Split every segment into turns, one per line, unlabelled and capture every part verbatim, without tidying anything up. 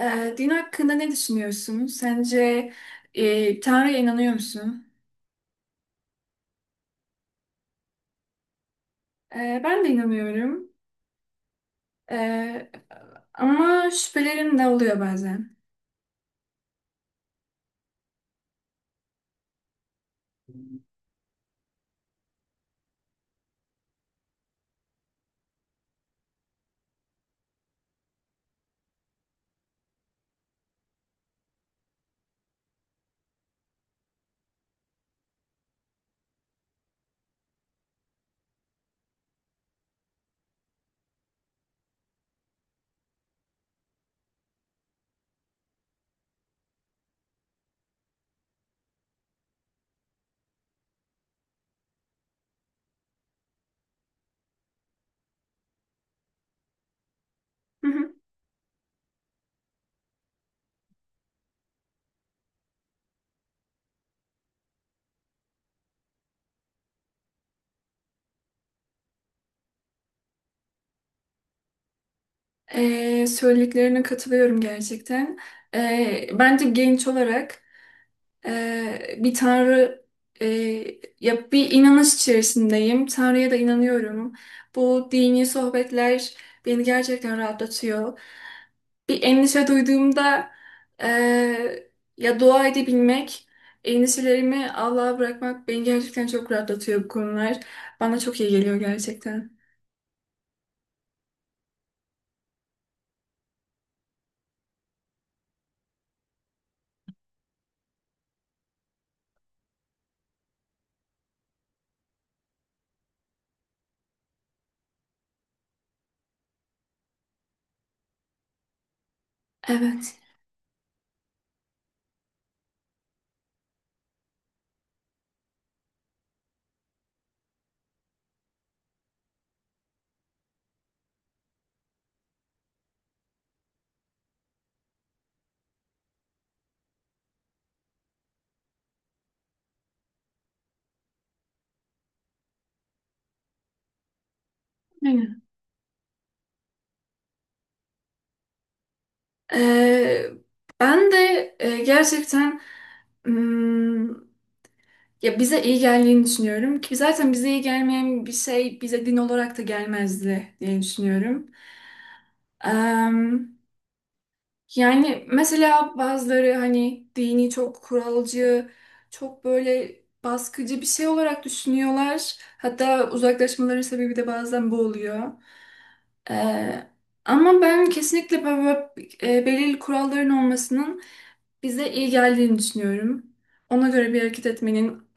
Ee, din hakkında ne düşünüyorsun? Sence e, Tanrı'ya inanıyor musun? Ee, ben de inanıyorum. Ee, Ama şüphelerim de oluyor bazen. Hı hı. Ee, söylediklerine katılıyorum gerçekten. Ee, bence genç olarak e, bir Tanrı e, ya bir inanış içerisindeyim. Tanrı'ya da inanıyorum. Bu dini sohbetler beni gerçekten rahatlatıyor. Bir endişe duyduğumda eee, ya dua edebilmek, endişelerimi Allah'a bırakmak beni gerçekten çok rahatlatıyor bu konular. Bana çok iyi geliyor gerçekten. Evet. Aynen. Eee, Ben de eee, gerçekten ya bize iyi geldiğini düşünüyorum ki zaten bize iyi gelmeyen bir şey bize din olarak da gelmezdi diye düşünüyorum. Em, Yani mesela bazıları hani dini çok kuralcı, çok böyle baskıcı bir şey olarak düşünüyorlar. Hatta uzaklaşmaların sebebi de bazen bu oluyor. E, Ama ben kesinlikle böyle, e, belirli kuralların olmasının bize iyi geldiğini düşünüyorum. Ona göre bir hareket etmenin,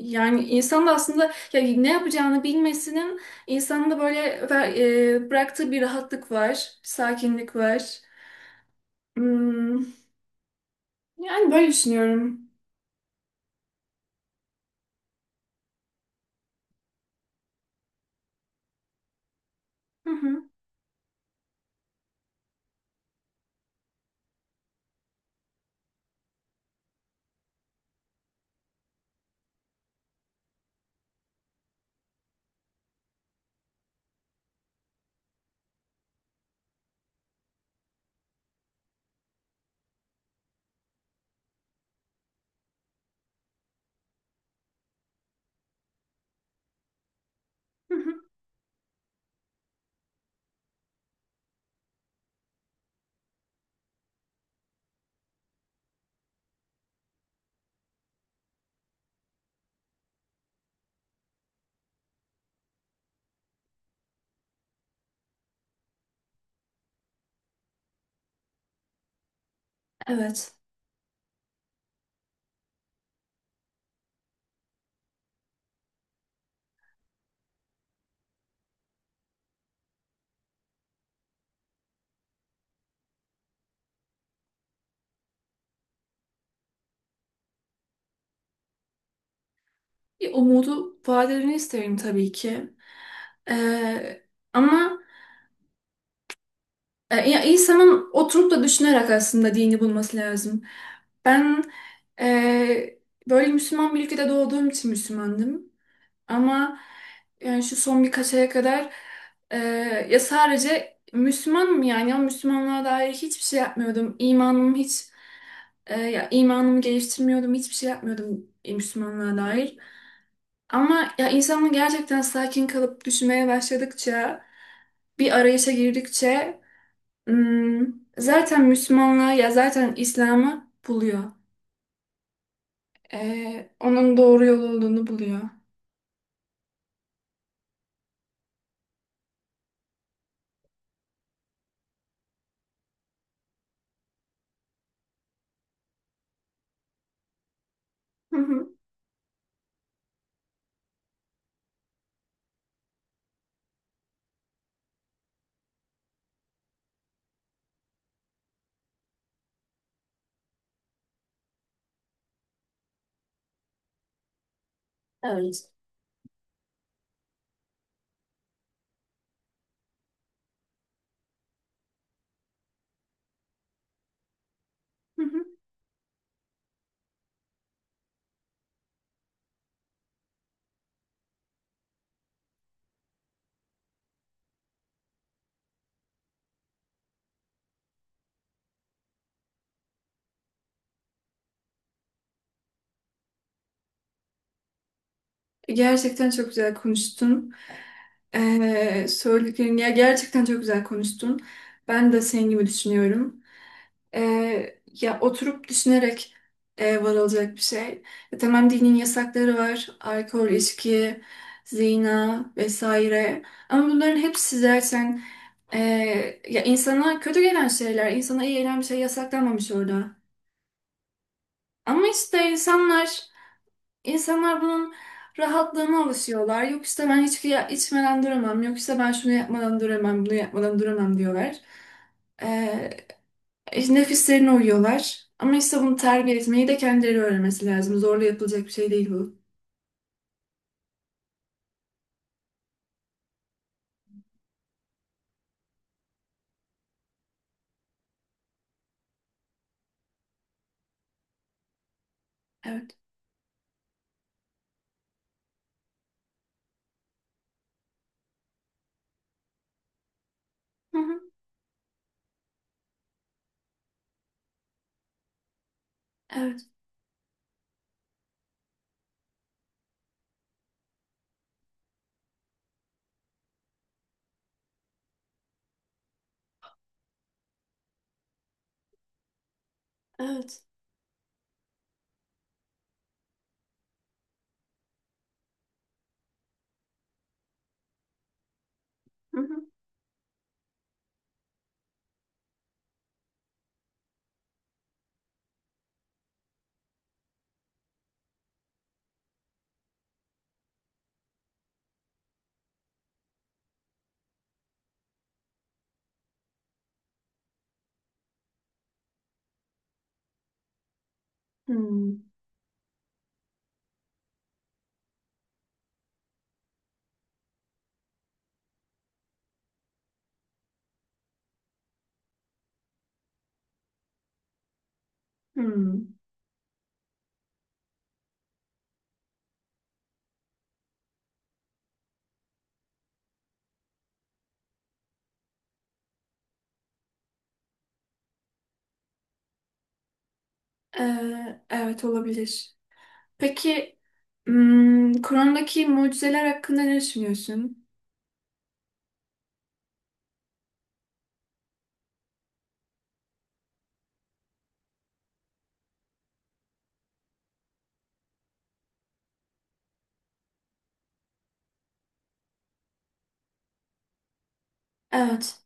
yani insan da aslında ya ne yapacağını bilmesinin, insanın da böyle ver- e, bıraktığı bir rahatlık var, sakinlik var. Hmm, yani böyle düşünüyorum. Hı hı, hı hı. Evet. Bir umudu vadelerini isterim tabii ki. Ee, Ama e, ya insanın oturup da düşünerek aslında dini bulması lazım. Ben e, böyle Müslüman bir ülkede doğduğum için Müslümandım. Ama yani şu son birkaç aya kadar e, ya sadece Müslümanım yani ama Müslümanlığa dair hiçbir şey yapmıyordum. İmanım hiç e, ya imanımı geliştirmiyordum. Hiçbir şey yapmıyordum e, Müslümanlığa dair. Ama ya insanın gerçekten sakin kalıp düşünmeye başladıkça bir arayışa girdikçe hmm, zaten Müslümanlığı ya zaten İslam'ı buluyor. E, onun doğru yol olduğunu buluyor. Hı hı, hı hı. Gerçekten çok güzel konuştun. Ee, söylediklerin ya gerçekten çok güzel konuştun. Ben de senin gibi düşünüyorum. Ee, ya oturup düşünerek e, varılacak bir şey. E, tamam dinin yasakları var. Alkol, içki, zina vesaire. Ama bunların hepsi zaten e, ya insana kötü gelen şeyler, insana iyi gelen bir şey yasaklanmamış orada. Ama işte insanlar insanlar bunun rahatlığına alışıyorlar. Yok işte ben içki ya- içmeden duramam. Yok işte ben şunu yapmadan duramam, bunu yapmadan duramam diyorlar. E, Nefislerine uyuyorlar. Ama işte bunu terbiye etmeyi de kendileri öğrenmesi lazım. Zorla yapılacak bir şey değil bu. Evet. Hı hı. Evet. Evet. Hı hı. Hmm. Hmm. Ee, evet olabilir. Peki hmm, Kur'an'daki mucizeler hakkında ne düşünüyorsun? Evet.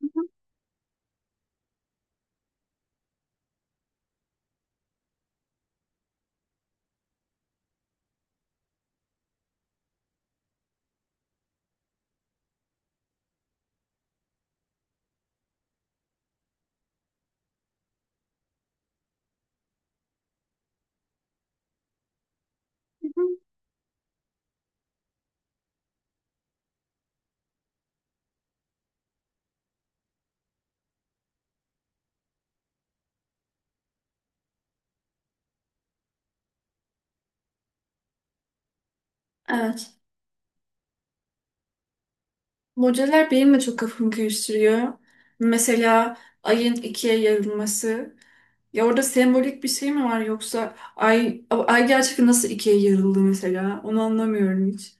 Hı hı. Hı hı. Evet. Mucizeler benim de çok kafamı karıştırıyor. Mesela ayın ikiye yarılması. Ya orada sembolik bir şey mi var yoksa ay ay gerçekten nasıl ikiye yarıldı mesela? Onu anlamıyorum hiç.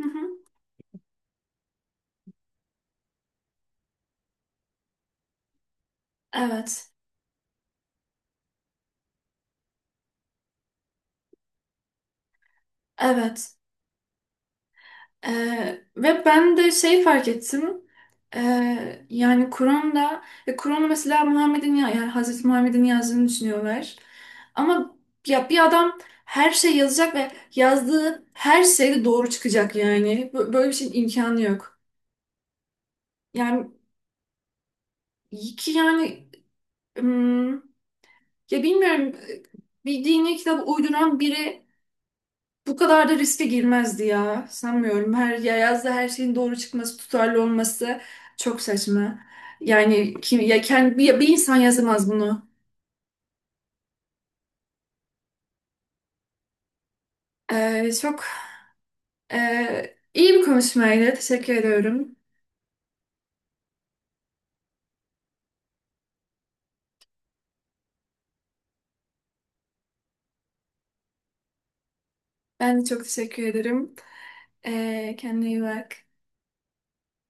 Hı hı. Evet. Evet. Ee, ve ben de şey fark ettim. Ee, yani Kur'an'da e, Kur'an'ı mesela Muhammed'in ya- yani Hazreti Muhammed'in yazdığını düşünüyorlar. Ama ya bir adam her şey yazacak ve yazdığı her şey de doğru çıkacak yani. Bö- Böyle bir şeyin imkanı yok. Yani iki yani ya bilmiyorum, bir dini kitap uyduran biri bu kadar da riske girmezdi ya. Sanmıyorum. Her ya yazda her şeyin doğru çıkması, tutarlı olması çok saçma. Yani kim ya kendi bir, bir insan yazamaz bunu. Ee, çok e, iyi bir konuşmaydı. Teşekkür ediyorum. Ben de çok teşekkür ederim. Ee, kendine iyi bak.